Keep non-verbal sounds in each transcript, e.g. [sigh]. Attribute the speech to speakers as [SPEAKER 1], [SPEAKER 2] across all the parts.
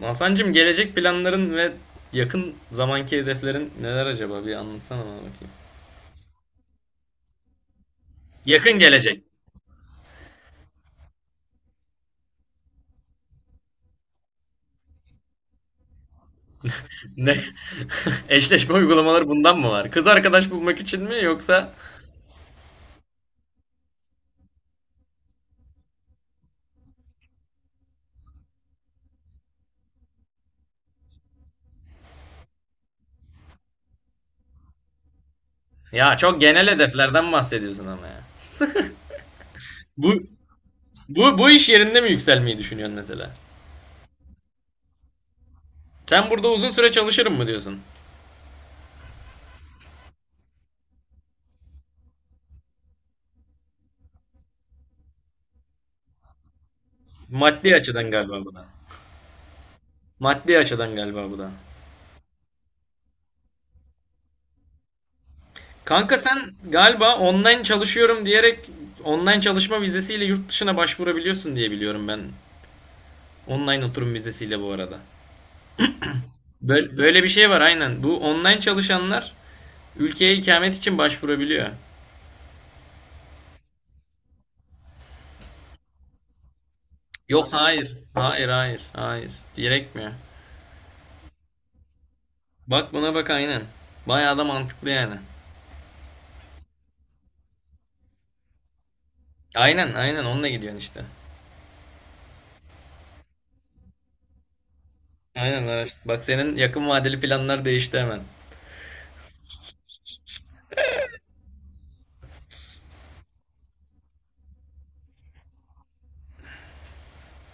[SPEAKER 1] Hasan'cığım gelecek planların ve yakın zamanki hedeflerin neler acaba? Bir anlatsana bana bakayım. Yakın gelecek. Ne? [laughs] Eşleşme uygulamaları bundan mı var? Kız arkadaş bulmak için mi yoksa? Ya çok genel hedeflerden bahsediyorsun ama ya. Bu bu iş yerinde mi yükselmeyi düşünüyorsun mesela? Sen burada uzun süre çalışırım mı diyorsun? Maddi açıdan galiba bu da. Maddi açıdan galiba bu da. Kanka sen galiba online çalışıyorum diyerek online çalışma vizesiyle yurt dışına başvurabiliyorsun diye biliyorum ben. Online oturum vizesiyle bu arada. Böyle bir şey var aynen. Bu online çalışanlar ülkeye ikamet için başvurabiliyor. Yok hayır. Hayır, hayır. Hayır. Gerekmiyor. Bak buna bak aynen. Bayağı da mantıklı yani. Aynen, aynen, onunla gidiyorsun işte. Aynen, araştır. Bak, senin yakın vadeli planlar değişti hemen.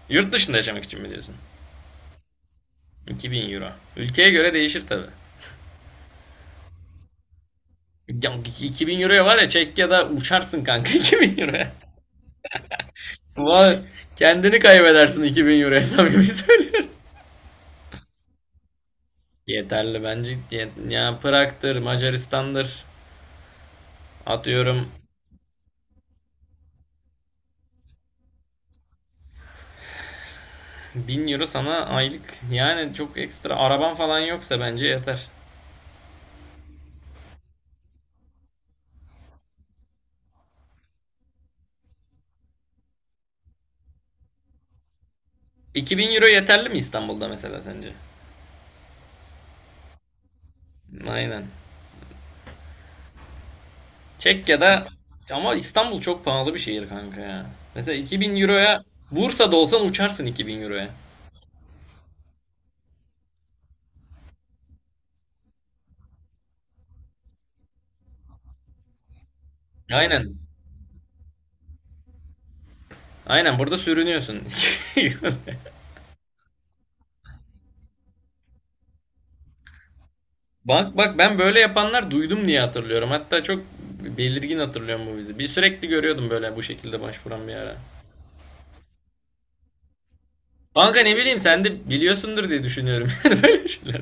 [SPEAKER 1] Yurt dışında yaşamak için mi diyorsun? 2000 euro. Ülkeye göre değişir tabi. Ya 2000 euroya var ya, Çekya'da uçarsın kanka. [laughs] 2000 euroya. Vay, kendini kaybedersin 2000 euroya, samimi söylüyorum. Yeterli bence. Ya Prag'dır, Macaristan'dır. Atıyorum. [laughs] 1000 euro sana aylık. Yani çok ekstra araban falan yoksa bence yeter. 2000 euro yeterli mi İstanbul'da mesela sence? Aynen. Çekya'da ama İstanbul çok pahalı bir şehir kanka ya. Mesela 2000 euroya Bursa'da olsan uçarsın 2000 euroya. Aynen. Aynen, burada sürünüyorsun. [laughs] Bak bak, ben böyle yapanlar duydum diye hatırlıyorum. Hatta çok belirgin hatırlıyorum bu vizi. Bir sürekli görüyordum böyle bu şekilde başvuran bir ara. Kanka ne bileyim, sen de biliyorsundur diye düşünüyorum. [laughs] Yani böyle şeyler.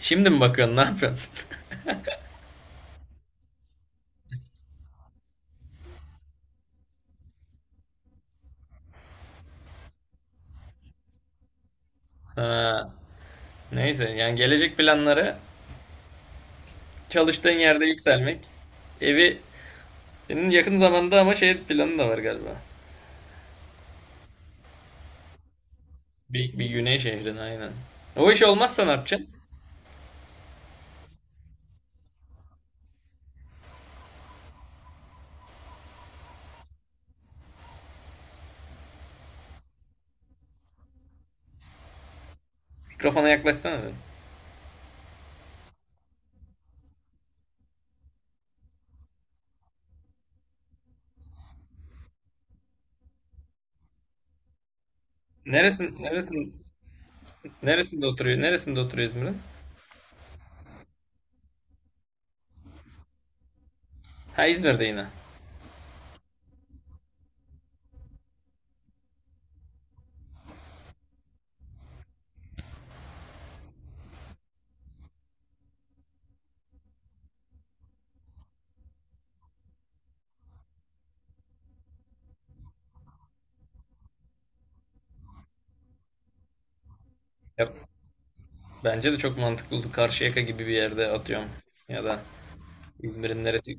[SPEAKER 1] Şimdi mi bakıyorsun, ne yapıyorsun? Ha, neyse, yani gelecek planları çalıştığın yerde yükselmek. Evi Senin yakın zamanda ama şey planı da var galiba. Bir güney şehrine aynen. O iş olmazsa ne yapacaksın? Mikrofona yaklaşsana biraz. Neresin, neresin, neresinde oturuyor İzmir'in? Ha, İzmir'de yine. Yap- Bence de çok mantıklı oldu. Karşıyaka gibi bir yerde atıyorum. Ya da İzmir'in neresi?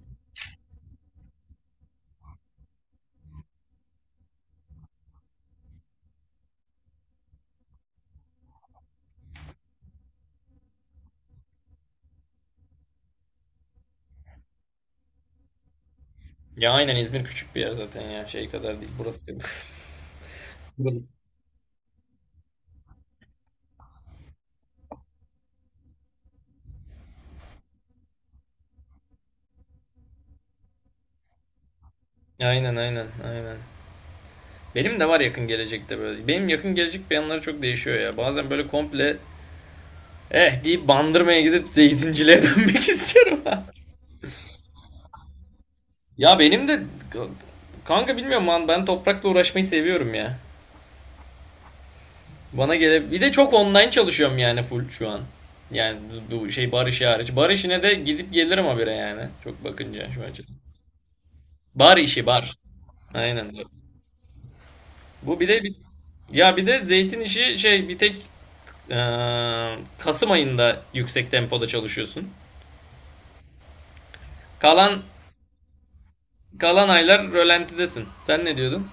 [SPEAKER 1] Ya aynen, İzmir küçük bir yer zaten ya. Şey kadar değil. Burası gibi. [laughs] Buralı. Aynen, aynen, aynen. Benim de var yakın gelecekte böyle. Benim yakın gelecek planları çok değişiyor ya. Bazen böyle komple eh deyip Bandırma'ya gidip zeytinciliğe [laughs] dönmek istiyorum. [laughs] Ya benim de, kanka bilmiyorum lan, ben toprakla uğraşmayı seviyorum ya. Bana gele, bir de çok online çalışıyorum yani, full şu an. Yani bu şey bar işi hariç. Bar işine de gidip gelirim habire yani. Çok bakınca şu açıdan. Bar işi, bar. Aynen. Bu bir de bir, ya bir de zeytin işi şey, bir tek Kasım ayında yüksek tempoda çalışıyorsun. Kalan kalan aylar rölantidesin. Sen ne diyordun?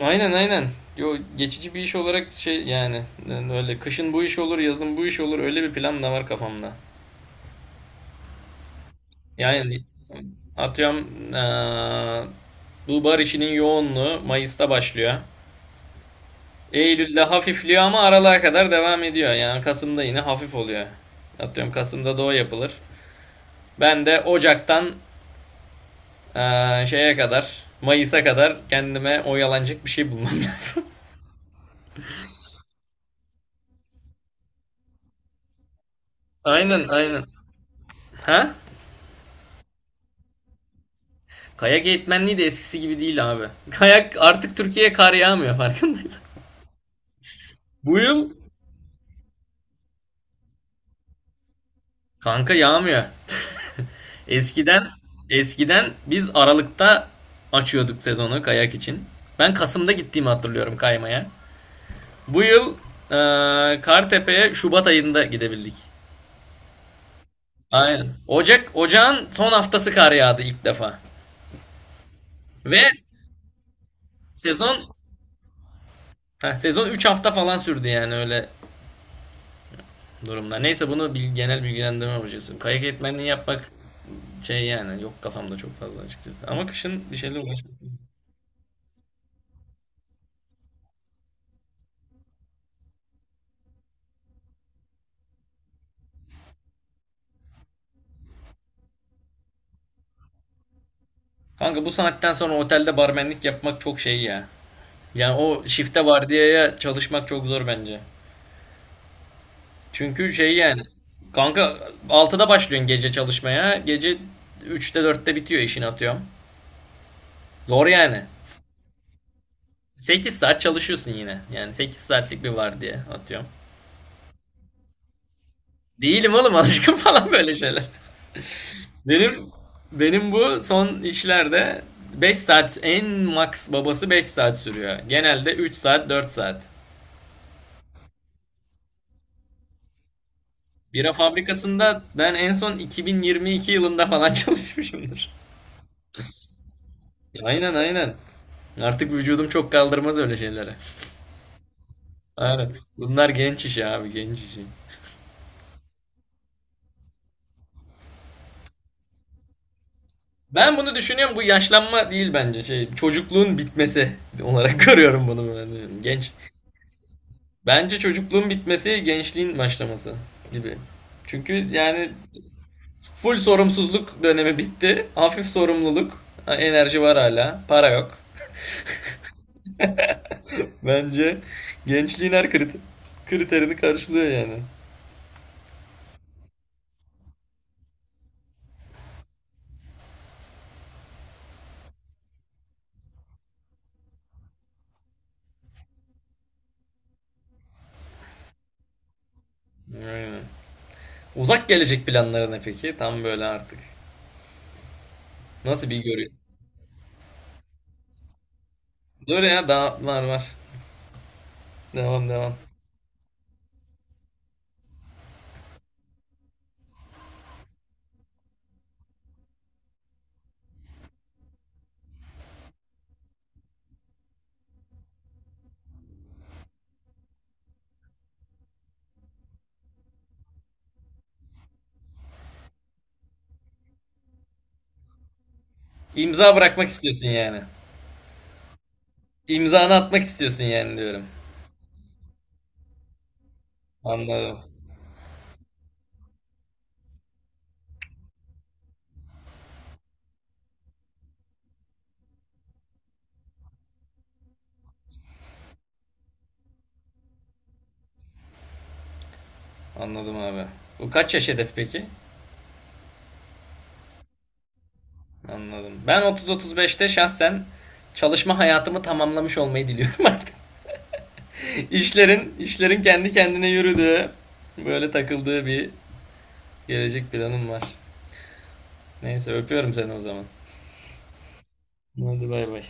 [SPEAKER 1] Aynen, aynen. Yo, geçici bir iş olarak şey, yani öyle, kışın bu iş olur, yazın bu iş olur, öyle bir plan da var kafamda. Yani atıyorum, eee, bu bar işinin yoğunluğu Mayıs'ta başlıyor. Eylül'de hafifliyor ama Aralığa kadar devam ediyor. Yani Kasım'da yine hafif oluyor. Atıyorum Kasım'da da o yapılır. Ben de Ocak'tan, şeye kadar Mayıs'a kadar kendime oyalanacak bir şey bulmam [laughs] lazım. Aynen, aynen. Ha? Kayak eğitmenliği de eskisi gibi değil abi. Kayak, artık Türkiye'ye kar yağmıyor farkındaysan. Bu yıl kanka yağmıyor. Eskiden eskiden biz Aralık'ta açıyorduk sezonu kayak için. Ben Kasım'da gittiğimi hatırlıyorum kaymaya. Bu yıl Kartepe'ye Şubat ayında gidebildik. Aynen. Ocağın son haftası kar yağdı ilk defa. Ve sezon heh, sezon 3 hafta falan sürdü yani, öyle durumlar. Neyse, bunu bil, genel bilgilendirme hocası. Kayak eğitmenliği yapmak şey yani, yok kafamda çok fazla açıkçası. Ama kışın bir şeyle uğraşmak. Kanka bu saatten sonra otelde barmenlik yapmak çok şey ya. Yani o şifte vardiyaya çalışmak çok zor bence. Çünkü şey yani, kanka altıda başlıyorsun gece çalışmaya. Gece üçte dörtte bitiyor işini atıyorum. Zor yani. 8 saat çalışıyorsun yine. Yani 8 saatlik bir vardiya atıyorum. Değilim oğlum alışkın [laughs] falan böyle şeyler. Benim benim bu son işlerde 5 saat, en max babası 5 saat sürüyor. Genelde 3 saat 4 saat. Bira fabrikasında ben en son 2022 yılında falan [laughs] çalışmışımdır. Aynen, aynen. Artık vücudum çok kaldırmaz öyle şeylere. Aynen. Bunlar genç işi abi, genç işi. Ben bunu düşünüyorum, bu yaşlanma değil bence, şey çocukluğun bitmesi olarak [laughs] görüyorum bunu ben. Genç. Bence çocukluğun bitmesi, gençliğin başlaması gibi. Çünkü yani full sorumsuzluk dönemi bitti. Hafif sorumluluk. Ha, enerji var hala. Para yok. Bence gençliğin her kriterini karşılıyor yani. Aynen. Uzak gelecek planları ne peki? Tam böyle artık nasıl bir görüyor? Dur ya, daha var var. Devam, devam. İmza bırakmak istiyorsun yani. İmzanı atmak istiyorsun yani, diyorum. Anladım. Anladım abi. Bu kaç yaş hedef peki? Anladım. Ben 30-35'te şahsen çalışma hayatımı tamamlamış olmayı diliyorum artık. [laughs] İşlerin kendi kendine yürüdüğü, böyle takıldığı bir gelecek planım var. Neyse, öpüyorum seni o zaman. Hadi bay bay.